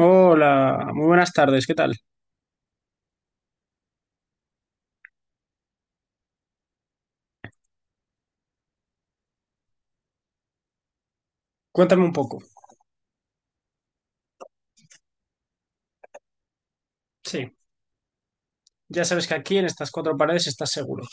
Hola, muy buenas tardes, ¿qué tal? Cuéntame un poco. Sí, ya sabes que aquí en estas cuatro paredes estás seguro.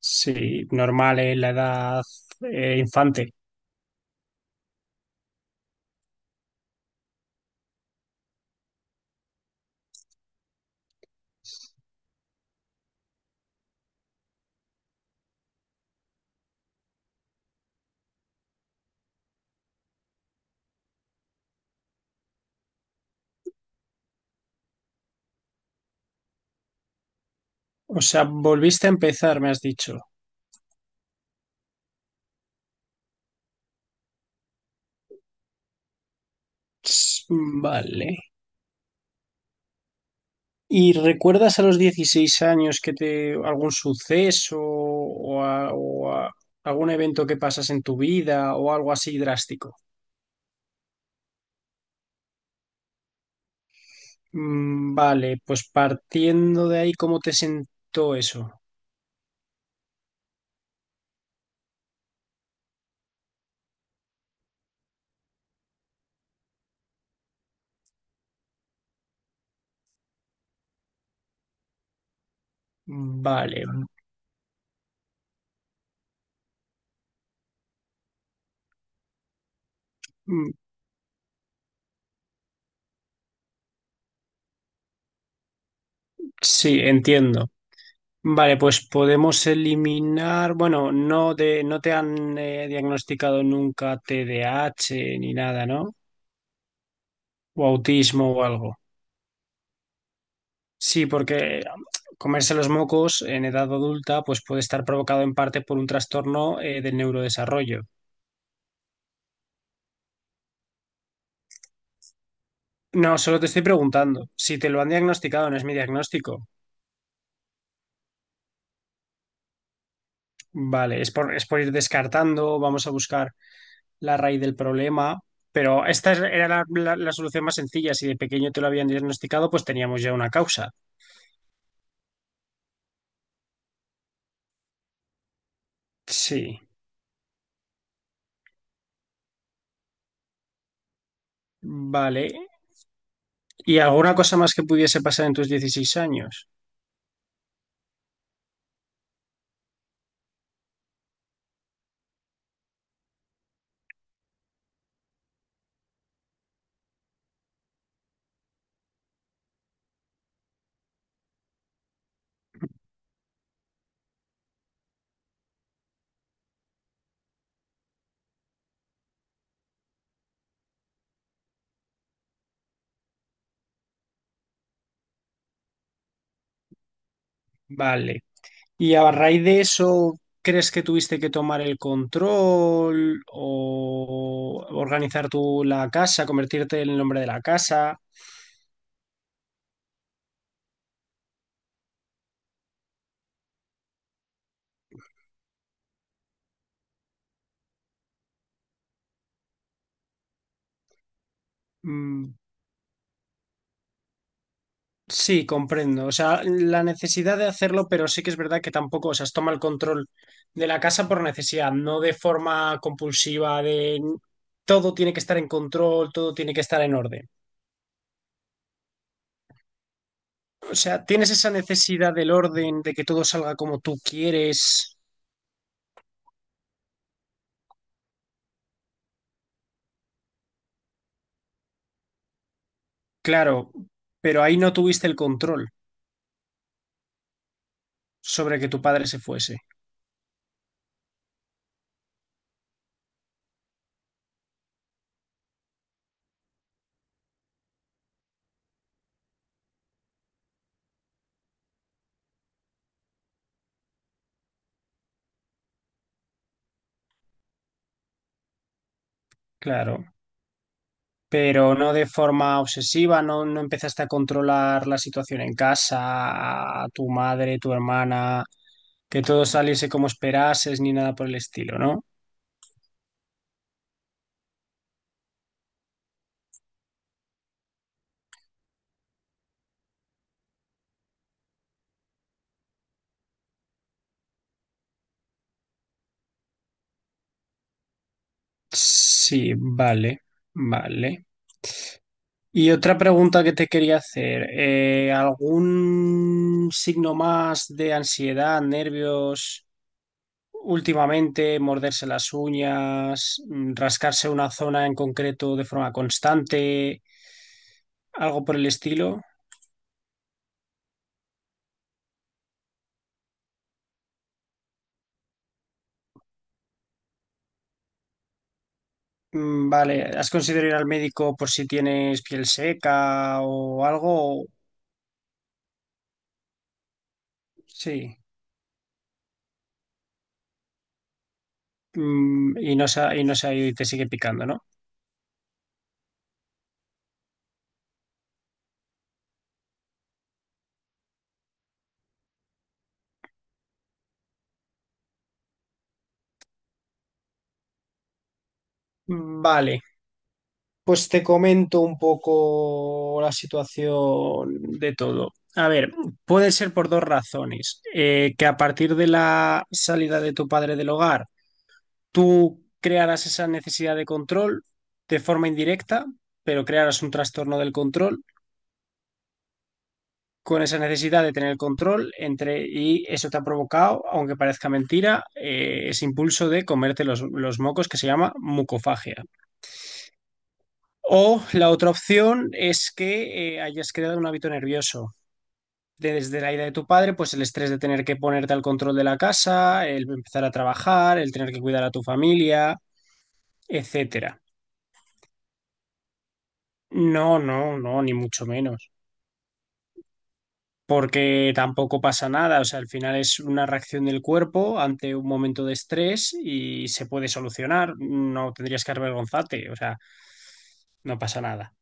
Sí, normal, ¿eh? La edad infante. O sea, volviste a empezar, me has dicho. Ts, vale. ¿Y recuerdas a los 16 años que te algún suceso o, algún evento que pasas en tu vida o algo así drástico? Mm, vale, pues partiendo de ahí, ¿cómo te sentó eso? Vale. Mm, sí, entiendo. Vale, pues podemos eliminar, bueno, no te han diagnosticado nunca TDAH ni nada, ¿no? O autismo o algo. Sí, porque comerse los mocos en edad adulta, pues puede estar provocado en parte por un trastorno del neurodesarrollo. No, solo te estoy preguntando. Si te lo han diagnosticado, no es mi diagnóstico. Vale, es por ir descartando. Vamos a buscar la raíz del problema. Pero esta era la solución más sencilla. Si de pequeño te lo habían diagnosticado, pues teníamos ya una causa. Sí, vale. ¿Y alguna cosa más que pudiese pasar en tus dieciséis años? Vale. ¿Y a raíz de eso, crees que tuviste que tomar el control o organizar tú la casa, convertirte en el hombre de la casa? Mm, sí, comprendo. O sea, la necesidad de hacerlo, pero sí que es verdad que tampoco, o sea, toma el control de la casa por necesidad, no de forma compulsiva, de todo tiene que estar en control, todo tiene que estar en orden. O sea, tienes esa necesidad del orden, de que todo salga como tú quieres, claro, pero ahí no tuviste el control sobre que tu padre se fuese, claro. Pero no de forma obsesiva, no, no empezaste a controlar la situación en casa, a tu madre, tu hermana, que todo saliese como esperases, ni nada por el estilo, ¿no? Sí, vale, vale. Y otra pregunta que te quería hacer, ¿algún signo más de ansiedad, nervios últimamente, morderse las uñas, rascarse una zona en concreto de forma constante, algo por el estilo? Mm, vale, ¿has considerado ir al médico por si tienes piel seca o algo? Sí. Y no se ha ido y te sigue picando, ¿no? Mm, vale, pues te comento un poco la situación de todo. A ver, puede ser por dos razones. Que a partir de la salida de tu padre del hogar, tú crearás esa necesidad de control de forma indirecta, pero crearás un trastorno del control. Con esa necesidad de tener el control entre, y eso te ha provocado, aunque parezca mentira, ese impulso de comerte los mocos que se llama mucofagia. O la otra opción es que hayas creado un hábito nervioso. Desde la ida de tu padre, pues el estrés de tener que ponerte al control de la casa, el empezar a trabajar, el tener que cuidar a tu familia, etcétera. No, no, no, ni mucho menos. Porque tampoco pasa nada, o sea, al final es una reacción del cuerpo ante un momento de estrés y se puede solucionar, no tendrías que avergonzarte, o sea, no pasa nada.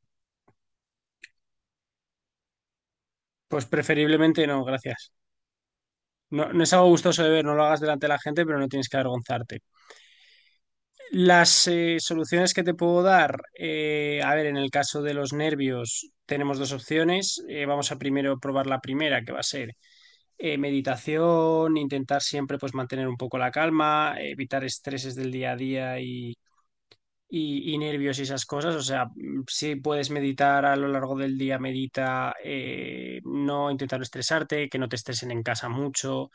Pues preferiblemente no, gracias. No, no es algo gustoso de ver, no lo hagas delante de la gente, pero no tienes que avergonzarte. Las soluciones que te puedo dar, a ver, en el caso de los nervios tenemos dos opciones. Vamos a primero probar la primera, que va a ser meditación, intentar siempre pues mantener un poco la calma, evitar estreses del día a día y nervios y esas cosas. O sea, si puedes meditar a lo largo del día, medita, no intentar no estresarte, que no te estresen en casa mucho.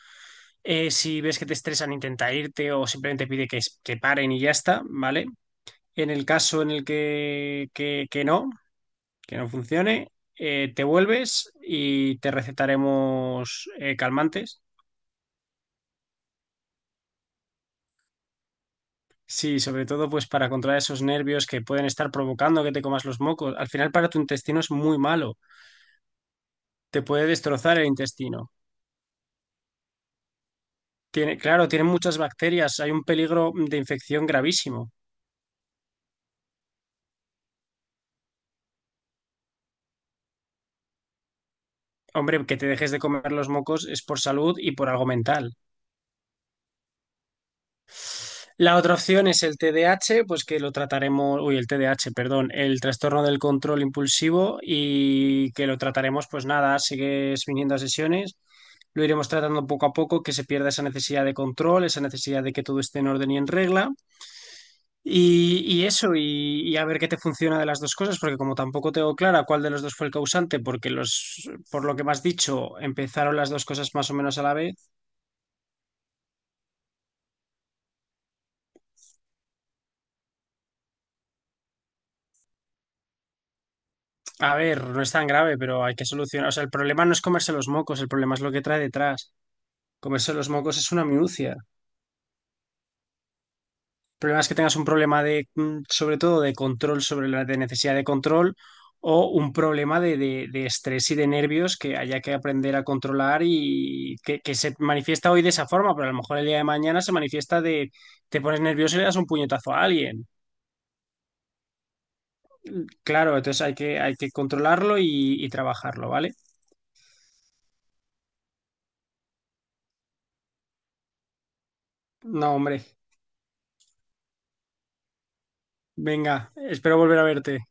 Si ves que te estresan, intenta irte o simplemente pide que paren y ya está, ¿vale? En el caso en el que no funcione. Te vuelves y te recetaremos calmantes. Sí, sobre todo pues para controlar esos nervios que pueden estar provocando que te comas los mocos. Al final para tu intestino es muy malo, te puede destrozar el intestino. Tiene, claro, tiene muchas bacterias, hay un peligro de infección gravísimo. Hombre, que te dejes de comer los mocos es por salud y por algo mental. La otra opción es el TDAH, pues que lo trataremos, uy, el TDAH, perdón, el trastorno del control impulsivo y que lo trataremos, pues nada, sigues viniendo a sesiones, lo iremos tratando poco a poco, que se pierda esa necesidad de control, esa necesidad de que todo esté en orden y en regla. Y eso, y a ver qué te funciona de las dos cosas, porque como tampoco tengo clara cuál de los dos fue el causante, porque por lo que me has dicho, empezaron las dos cosas más o menos a la vez. A ver, no es tan grave, pero hay que solucionar. O sea, el problema no es comerse los mocos, el problema es lo que trae detrás. Comerse los mocos es una minucia. El problema es que tengas un problema de, sobre todo, de control sobre la de necesidad de control o un problema de estrés y de nervios que haya que aprender a controlar y que se manifiesta hoy de esa forma, pero a lo mejor el día de mañana se manifiesta de te pones nervioso y le das un puñetazo a alguien. Claro, entonces hay que controlarlo y trabajarlo, ¿vale? No, hombre. Venga, espero volver a verte.